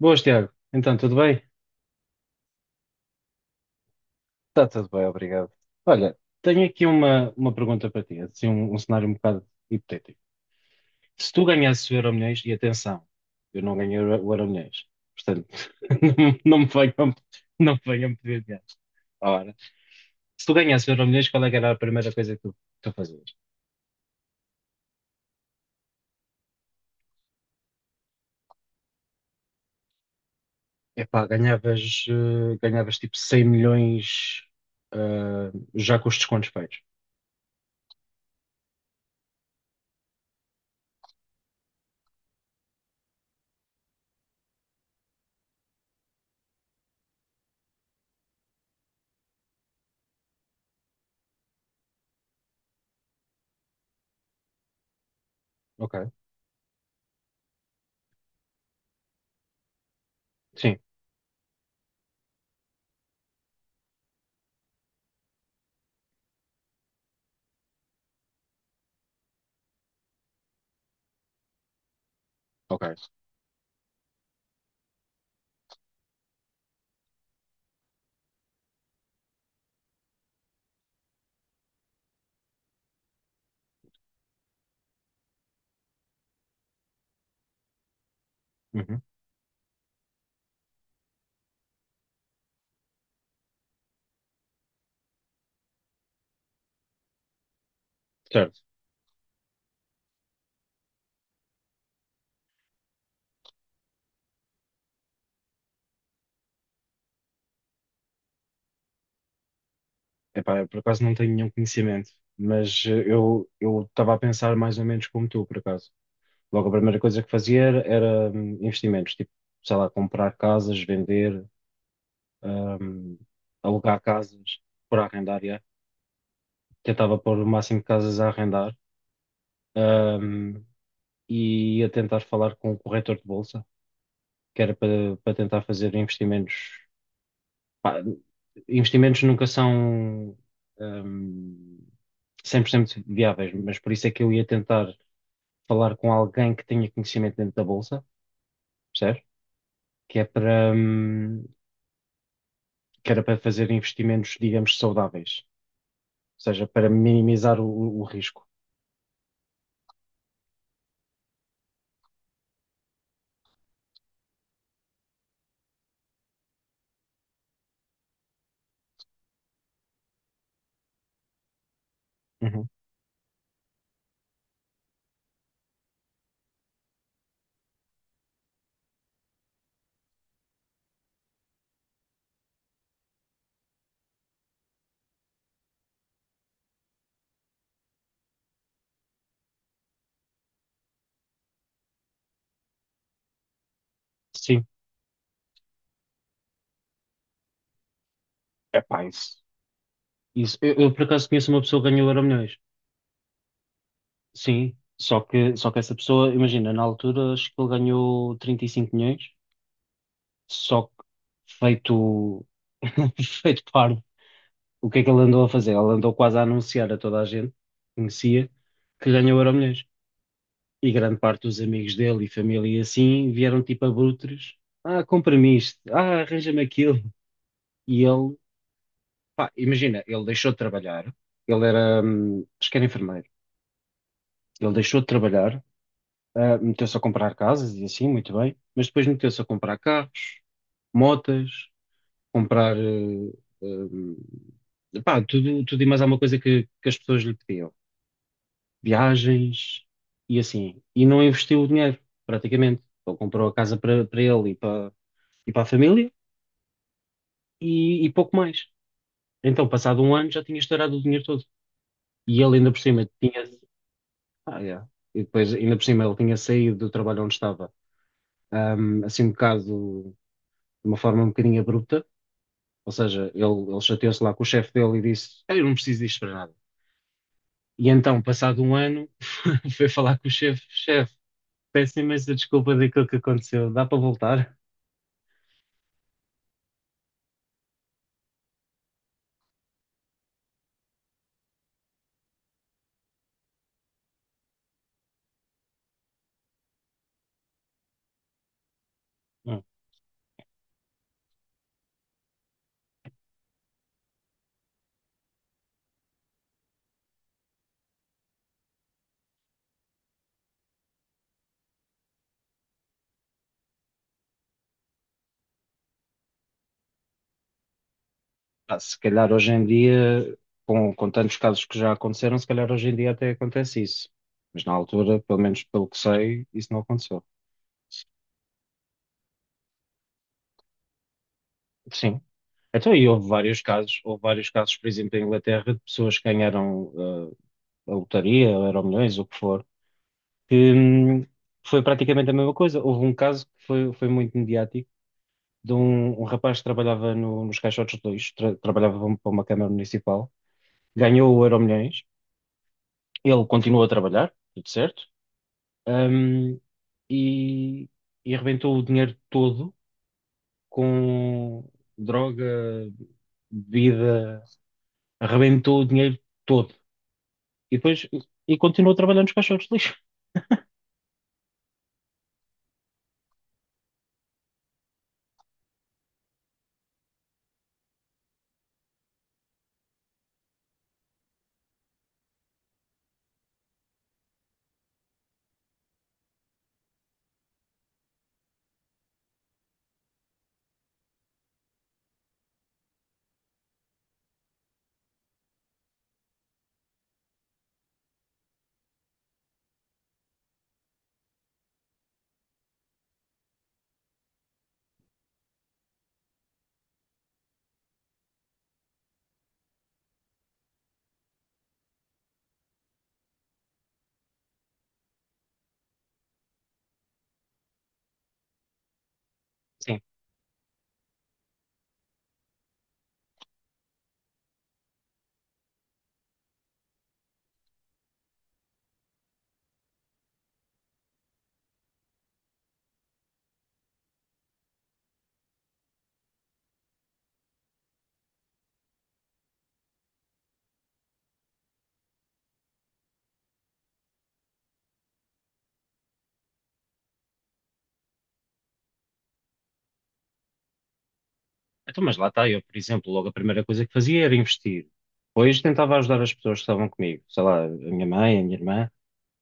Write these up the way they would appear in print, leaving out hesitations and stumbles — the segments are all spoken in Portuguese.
Boas, Tiago. Então, tudo bem? Está tudo bem, obrigado. Olha, tenho aqui uma pergunta para ti, assim, um cenário um bocado hipotético. Se tu ganhasses o Euromilhões, e atenção, eu não ganhei o o Euromilhões, portanto, não, não me venham, não me venham pedir dinheiro. Ora, se tu ganhasses o Euromilhões, qual é que era a primeira coisa que tu fazias? Epá, ganhavas, ganhavas tipo 100 milhões, eh, já com os descontos feitos. Ok. Sim, ok. Uhum, certo. Epá, eu por acaso não tenho nenhum conhecimento, mas eu estava a pensar mais ou menos como tu, por acaso. Logo, a primeira coisa que fazia era investimentos, tipo, sei lá, comprar casas, vender, hum, alugar casas por arrendar, yeah. Tentava pôr o máximo de casas a arrendar, hum, e ia tentar falar com o corretor de bolsa, que era para tentar fazer investimentos. Pá, investimentos nunca são, hum, 100% viáveis, mas por isso é que eu ia tentar falar com alguém que tenha conhecimento dentro da bolsa, percebes? Que é para, que era para fazer investimentos, digamos, saudáveis, ou seja, para minimizar o risco. Uhum. Sim, é pá, isso. Eu por acaso, conheço uma pessoa que ganhou Euromilhões. Sim, só que essa pessoa, imagina, na altura acho que ele ganhou 35 milhões. Só que feito, feito parvo, o que é que ele andou a fazer? Ele andou quase a anunciar a toda a gente que conhecia que ganhou o Euromilhões. E grande parte dos amigos dele e família e assim vieram tipo abutres. Ah, compra-me isto. Ah, arranja-me aquilo. E ele, pá, imagina, ele deixou de trabalhar. Ele era, acho que era enfermeiro. Ele deixou de trabalhar, ah, meteu-se a comprar casas e assim, muito bem. Mas depois meteu-se a comprar carros, motas. Comprar pá, tudo, tudo e mais alguma coisa que as pessoas lhe pediam. Viagens e assim. E não investiu o dinheiro, praticamente. Ele comprou a casa para ele e para a família e pouco mais. Então, passado um ano, já tinha estourado o dinheiro todo. E ele ainda por cima tinha. Ah, yeah. E depois, ainda por cima, ele tinha saído do trabalho onde estava, assim um bocado, de uma forma um bocadinho abrupta. Ou seja, ele chateou-se lá com o chefe dele e disse: "Ah, eu não preciso disto para nada." E então, passado um ano, foi falar com o chefe, peço imensa desculpa daquilo que aconteceu, dá para voltar? Não. Pá, se calhar hoje em dia, com tantos casos que já aconteceram, se calhar hoje em dia até acontece isso. Mas na altura, pelo menos pelo que sei, isso não aconteceu. Sim. Então, e houve vários casos, por exemplo, em Inglaterra, de pessoas que ganharam ah, a lotaria, ou Euromilhões, o que for, que foi praticamente a mesma coisa. Houve um caso que foi, foi muito mediático de um rapaz que trabalhava nos caixotes de lixo, trabalhava para uma Câmara Municipal, ganhou o Euromilhões, ele continuou a trabalhar, tudo certo, hum, e, e arrebentou o dinheiro todo com droga, bebida, arrebentou o dinheiro todo. E depois, e continuou a trabalhar nos caixotes de lixo. Sim. Então, mas lá está, eu, por exemplo, logo a primeira coisa que fazia era investir. Depois tentava ajudar as pessoas que estavam comigo, sei lá, a minha mãe, a minha irmã.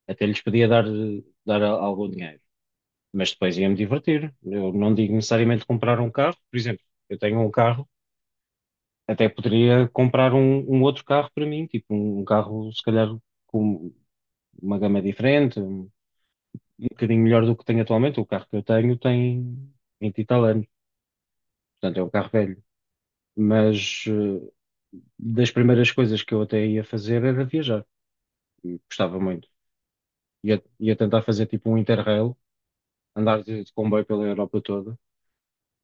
Até lhes podia dar algum dinheiro, mas depois ia-me divertir. Eu não digo necessariamente comprar um carro, por exemplo, eu tenho um carro, até poderia comprar um outro carro para mim, tipo um carro, se calhar, com uma gama diferente, um bocadinho melhor do que tenho atualmente. O carro que eu tenho tem 20 e tal anos, portanto é um carro velho. Mas das primeiras coisas que eu até ia fazer era viajar, e gostava muito. Ia tentar fazer tipo um Interrail, andar de comboio pela Europa toda.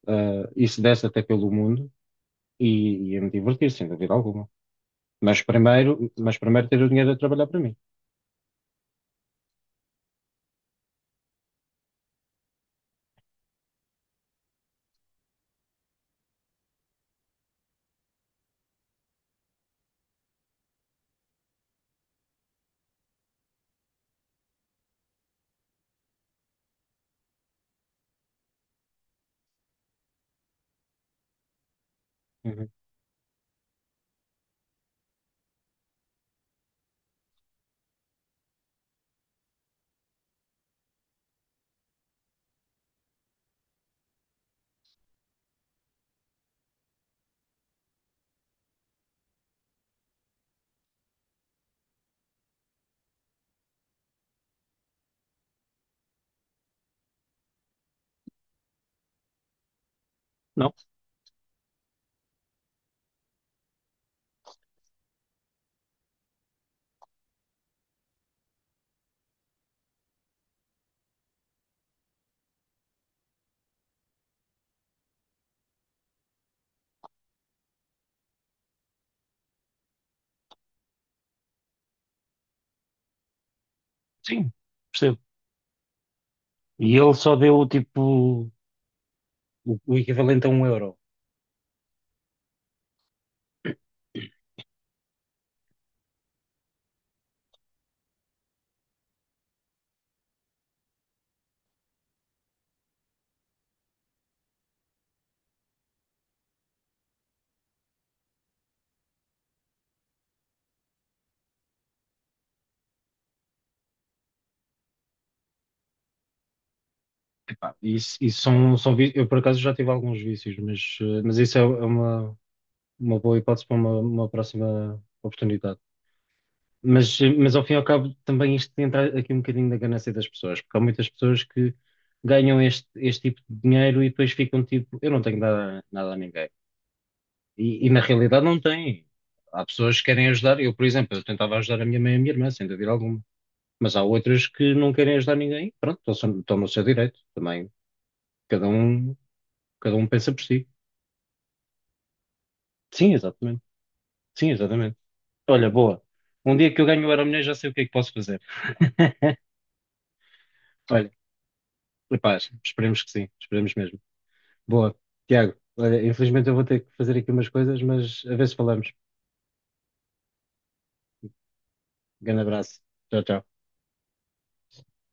E se desse até pelo mundo e ia me divertir, sem dúvida alguma. Mas primeiro, mas primeiro ter o dinheiro a trabalhar para mim. Uhum. Não? Sim, percebo. E ele só deu tipo o equivalente a um euro. Epá, isso, isso são vícios. Eu por acaso já tive alguns vícios, mas, mas isso é uma boa hipótese para uma próxima oportunidade. Mas ao fim e ao cabo também isto entra aqui um bocadinho da ganância das pessoas, porque há muitas pessoas que ganham este tipo de dinheiro e depois ficam tipo, eu não tenho nada, nada a ninguém. E na realidade não têm. Há pessoas que querem ajudar, por exemplo, eu tentava ajudar a minha mãe e a minha irmã, sem dúvida alguma. Mas há outras que não querem ajudar ninguém, pronto, estão, estão no seu direito também. Cada um, Cada um pensa por si. Sim, exatamente. Sim, exatamente. Olha, boa. Um dia que eu ganho o Euromilhões já sei o que é que posso fazer. Olha, epá, esperemos que sim, esperemos mesmo. Boa, Tiago, olha, infelizmente eu vou ter que fazer aqui umas coisas, mas a ver se falamos. Grande abraço. Tchau, tchau.